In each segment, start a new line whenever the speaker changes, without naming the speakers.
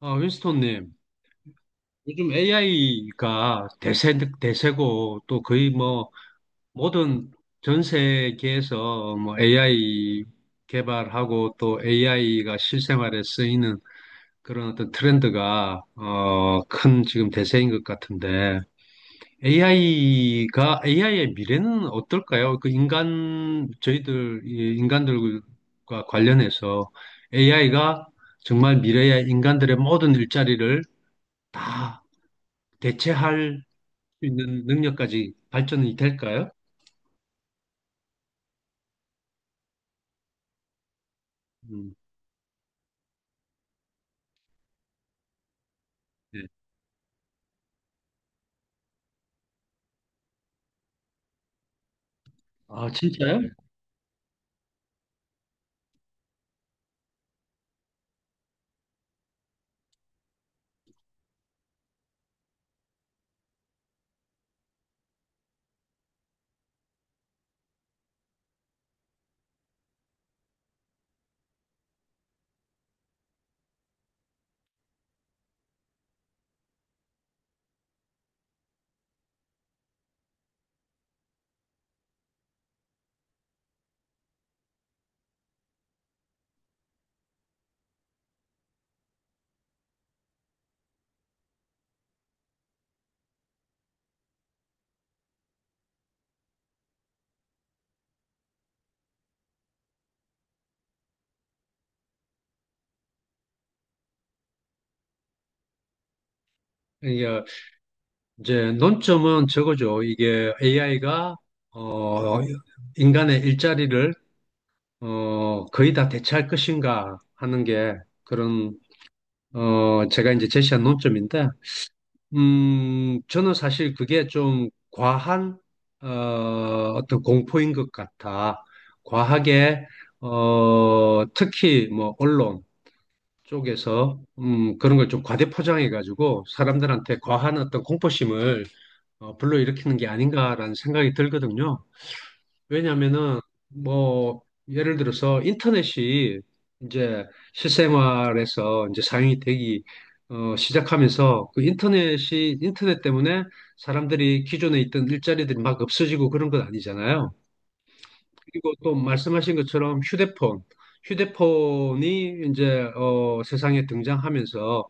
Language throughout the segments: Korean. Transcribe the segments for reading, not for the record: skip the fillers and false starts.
아, 윈스톤님, 요즘 AI가 대세고 또 거의 뭐 모든 전 세계에서 뭐 AI 개발하고 또 AI가 실생활에 쓰이는 그런 어떤 트렌드가 큰 지금 대세인 것 같은데 AI가 AI의 미래는 어떨까요? 그 인간 저희들 이 인간들과 관련해서 AI가 정말 미래의 인간들의 모든 일자리를 다 대체할 수 있는 능력까지 발전이 될까요? 음, 네. 아, 진짜요? 이게 이제 논점은 저거죠. 이게 AI가 어, 인간의 일자리를 거의 다 대체할 것인가 하는 게 그런 제가 이제 제시한 논점인데, 저는 사실 그게 좀 과한 어, 어떤 공포인 것 같아. 과하게 특히 뭐 언론 쪽에서 그런 걸 좀 과대 포장해가지고 사람들한테 과한 어떤 공포심을 불러일으키는 게 아닌가라는 생각이 들거든요. 왜냐하면은 뭐 예를 들어서 인터넷이 이제 실생활에서 이제 사용이 되기 시작하면서 그 인터넷 때문에 사람들이 기존에 있던 일자리들이 막 없어지고 그런 건 아니잖아요. 그리고 또 말씀하신 것처럼 휴대폰이 이제 세상에 등장하면서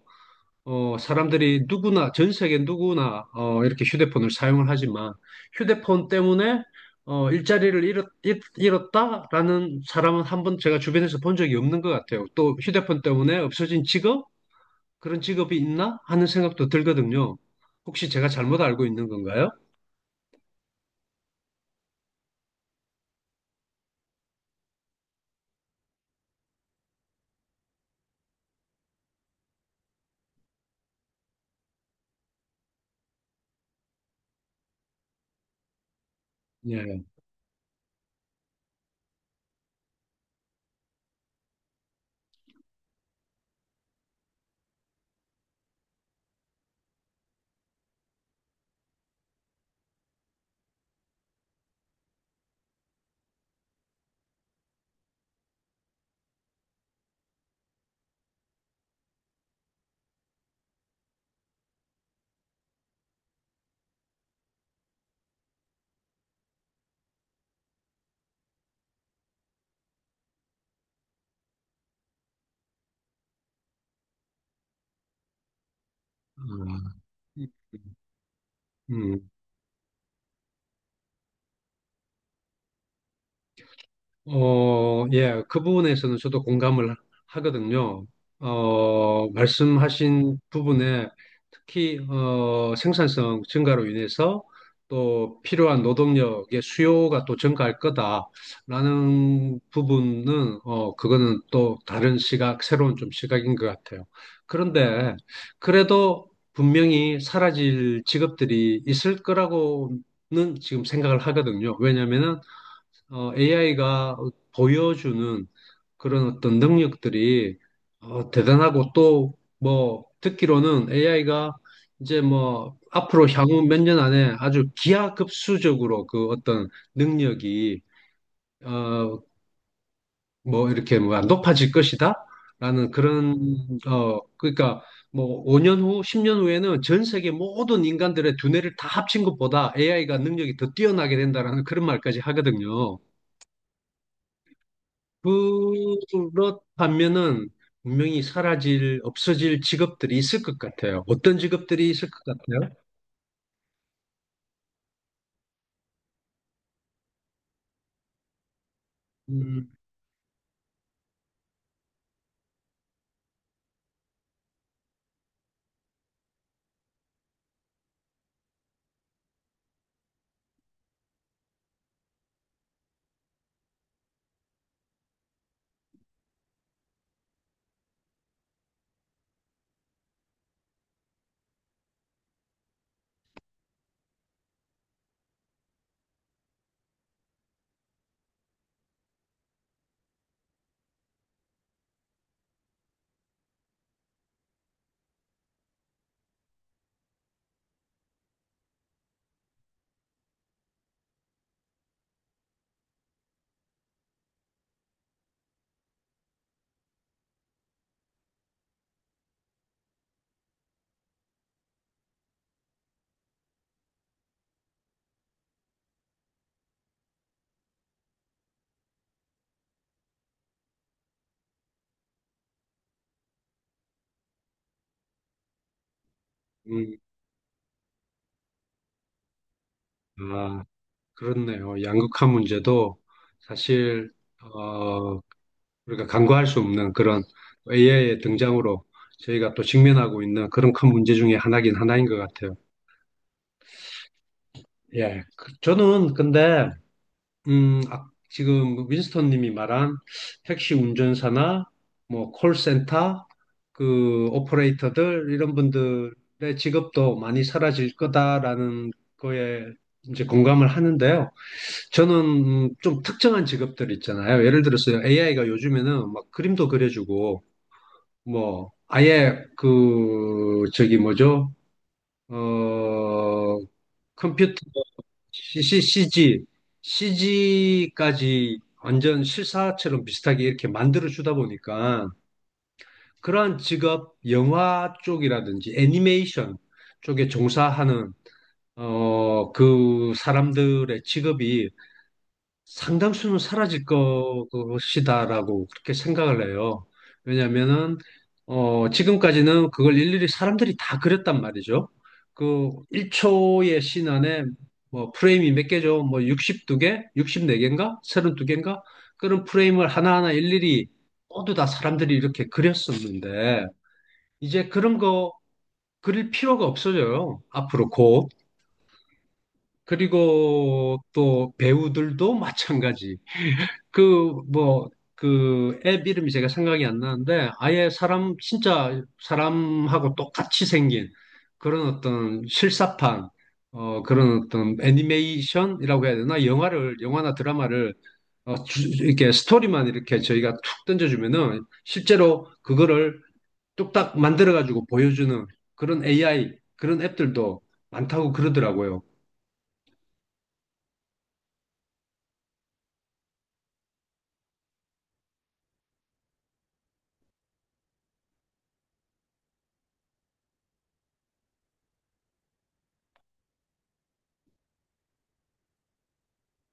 사람들이 누구나, 전 세계 누구나, 이렇게 휴대폰을 사용을 하지만, 휴대폰 때문에, 일자리를 잃었, 다라는 사람은 한번 제가 주변에서 본 적이 없는 것 같아요. 또 휴대폰 때문에 없어진 직업? 그런 직업이 있나? 하는 생각도 들거든요. 혹시 제가 잘못 알고 있는 건가요? 예. 음. 음. 예, 그 부분에서는 저도 공감을 하거든요. 말씀하신 부분에 특히 생산성 증가로 인해서 또 필요한 노동력의 수요가 또 증가할 거다라는 부분은 그거는 또 다른 시각, 새로운 좀 시각인 것 같아요. 그런데 그래도 분명히 사라질 직업들이 있을 거라고는 지금 생각을 하거든요. 왜냐면은 AI가 보여주는 그런 어떤 능력들이 대단하고 또 뭐 듣기로는 AI가 이제 뭐 앞으로 향후 몇 년 안에 아주 기하급수적으로 그 어떤 능력이 어, 뭐 이렇게 뭐 높아질 것이다 라는 그런 어 그러니까 뭐 5년 후, 10년 후에는 전 세계 모든 인간들의 두뇌를 다 합친 것보다 AI가 능력이 더 뛰어나게 된다라는 그런 말까지 하거든요. 그렇다면은 분명히 사라질, 없어질 직업들이 있을 것 같아요. 어떤 직업들이 있을 것 같아요? 음. 음. 아, 그렇네요. 양극화 문제도 사실, 어, 우리가 간과할 수 없는 그런 AI의 등장으로 저희가 또 직면하고 있는 그런 큰 문제 중에 하나긴 하나인 것 같아요. 예. 저는 근데 아, 지금 뭐 윈스턴 님이 말한 택시 운전사나 뭐 콜센터 그 오퍼레이터들 이런 분들의 직업도 많이 사라질 거다라는 거에 이제 공감을 하는데요. 저는 좀 특정한 직업들 있잖아요. 예를 들어서 AI가 요즘에는 막 그림도 그려주고 뭐 아예 그 저기 뭐죠? 어 컴퓨터 c g CG까지 완전 실사처럼 비슷하게 이렇게 만들어주다 보니까 그러한 직업, 영화 쪽이라든지 애니메이션 쪽에 종사하는 그 사람들의 직업이 상당수는 사라질 것이다라고 그렇게 생각을 해요. 왜냐면은, 지금까지는 그걸 일일이 사람들이 다 그렸단 말이죠. 그 1초의 씬 안에 뭐 프레임이 몇 개죠? 뭐 62개? 64개인가? 32개인가? 그런 프레임을 하나하나 일일이 모두 다 사람들이 이렇게 그렸었는데, 이제 그런 거 그릴 필요가 없어져요. 앞으로 곧. 그리고 또 배우들도 마찬가지. 그, 뭐, 그 앱 이름이 제가 생각이 안 나는데 아예 사람, 진짜 사람하고 똑같이 생긴 그런 어떤 실사판, 그런 어떤 애니메이션이라고 해야 되나? 영화를, 영화나 드라마를 이렇게 스토리만 이렇게 저희가 툭 던져주면은 실제로 그거를 뚝딱 만들어가지고 보여주는 그런 AI, 그런 앱들도 많다고 그러더라고요.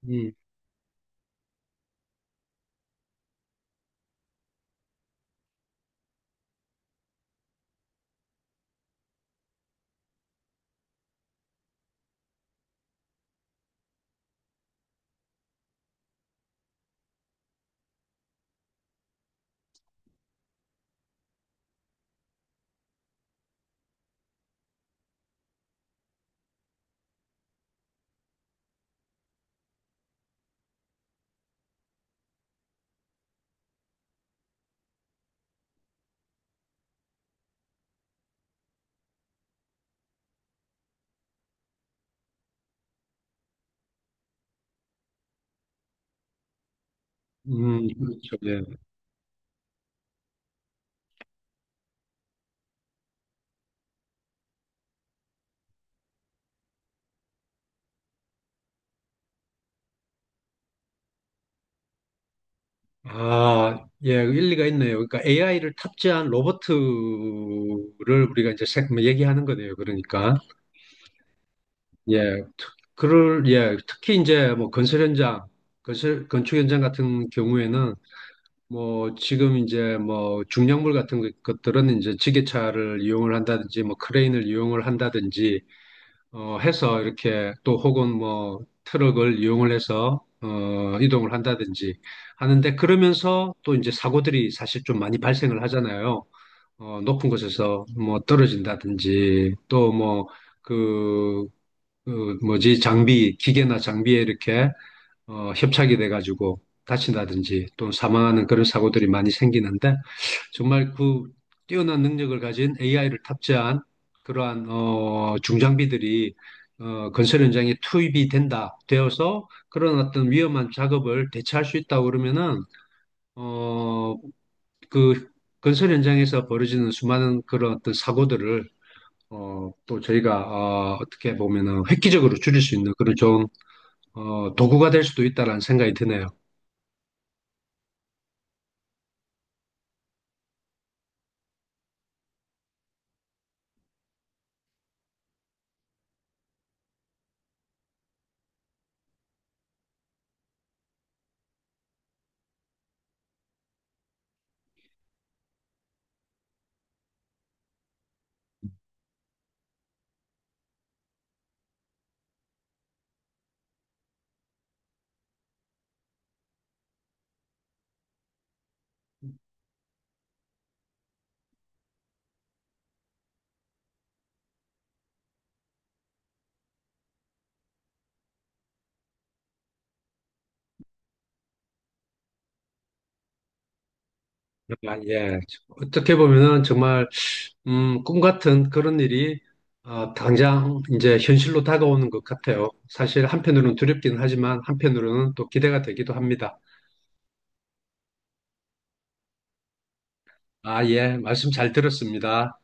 음. 음. 그렇죠. 네. 아, 예, 그 일리가 있네요. 그러니까 AI를 탑재한 로버트를 우리가 이제 뭐 얘기하는 거네요. 그러니까 예, 특히 이제 뭐 건설 현장, 건설 건축 현장 같은 경우에는 뭐 지금 이제 뭐 중량물 같은 것들은 이제 지게차를 이용을 한다든지 뭐 크레인을 이용을 한다든지 해서 이렇게 또 혹은 뭐 트럭을 이용을 해서 이동을 한다든지 하는데 그러면서 또 이제 사고들이 사실 좀 많이 발생을 하잖아요. 높은 곳에서 뭐 떨어진다든지 또 뭐 그, 그 뭐지, 장비, 기계나 장비에 이렇게 협착이 돼가지고 다친다든지 또 사망하는 그런 사고들이 많이 생기는데 정말 그 뛰어난 능력을 가진 AI를 탑재한 그러한 중장비들이 건설 현장에 투입이 된다 되어서 그런 어떤 위험한 작업을 대체할 수 있다고 그러면은 어, 그 건설 현장에서 벌어지는 수많은 그런 어떤 사고들을 또 저희가 어떻게 보면은 획기적으로 줄일 수 있는 그런 좋은 도구가 될 수도 있다라는 생각이 드네요. 아, 예. 어떻게 보면은 정말, 꿈 같은 그런 일이, 당장 이제 현실로 다가오는 것 같아요. 사실 한편으로는 두렵긴 하지만 한편으로는 또 기대가 되기도 합니다. 아, 예. 말씀 잘 들었습니다.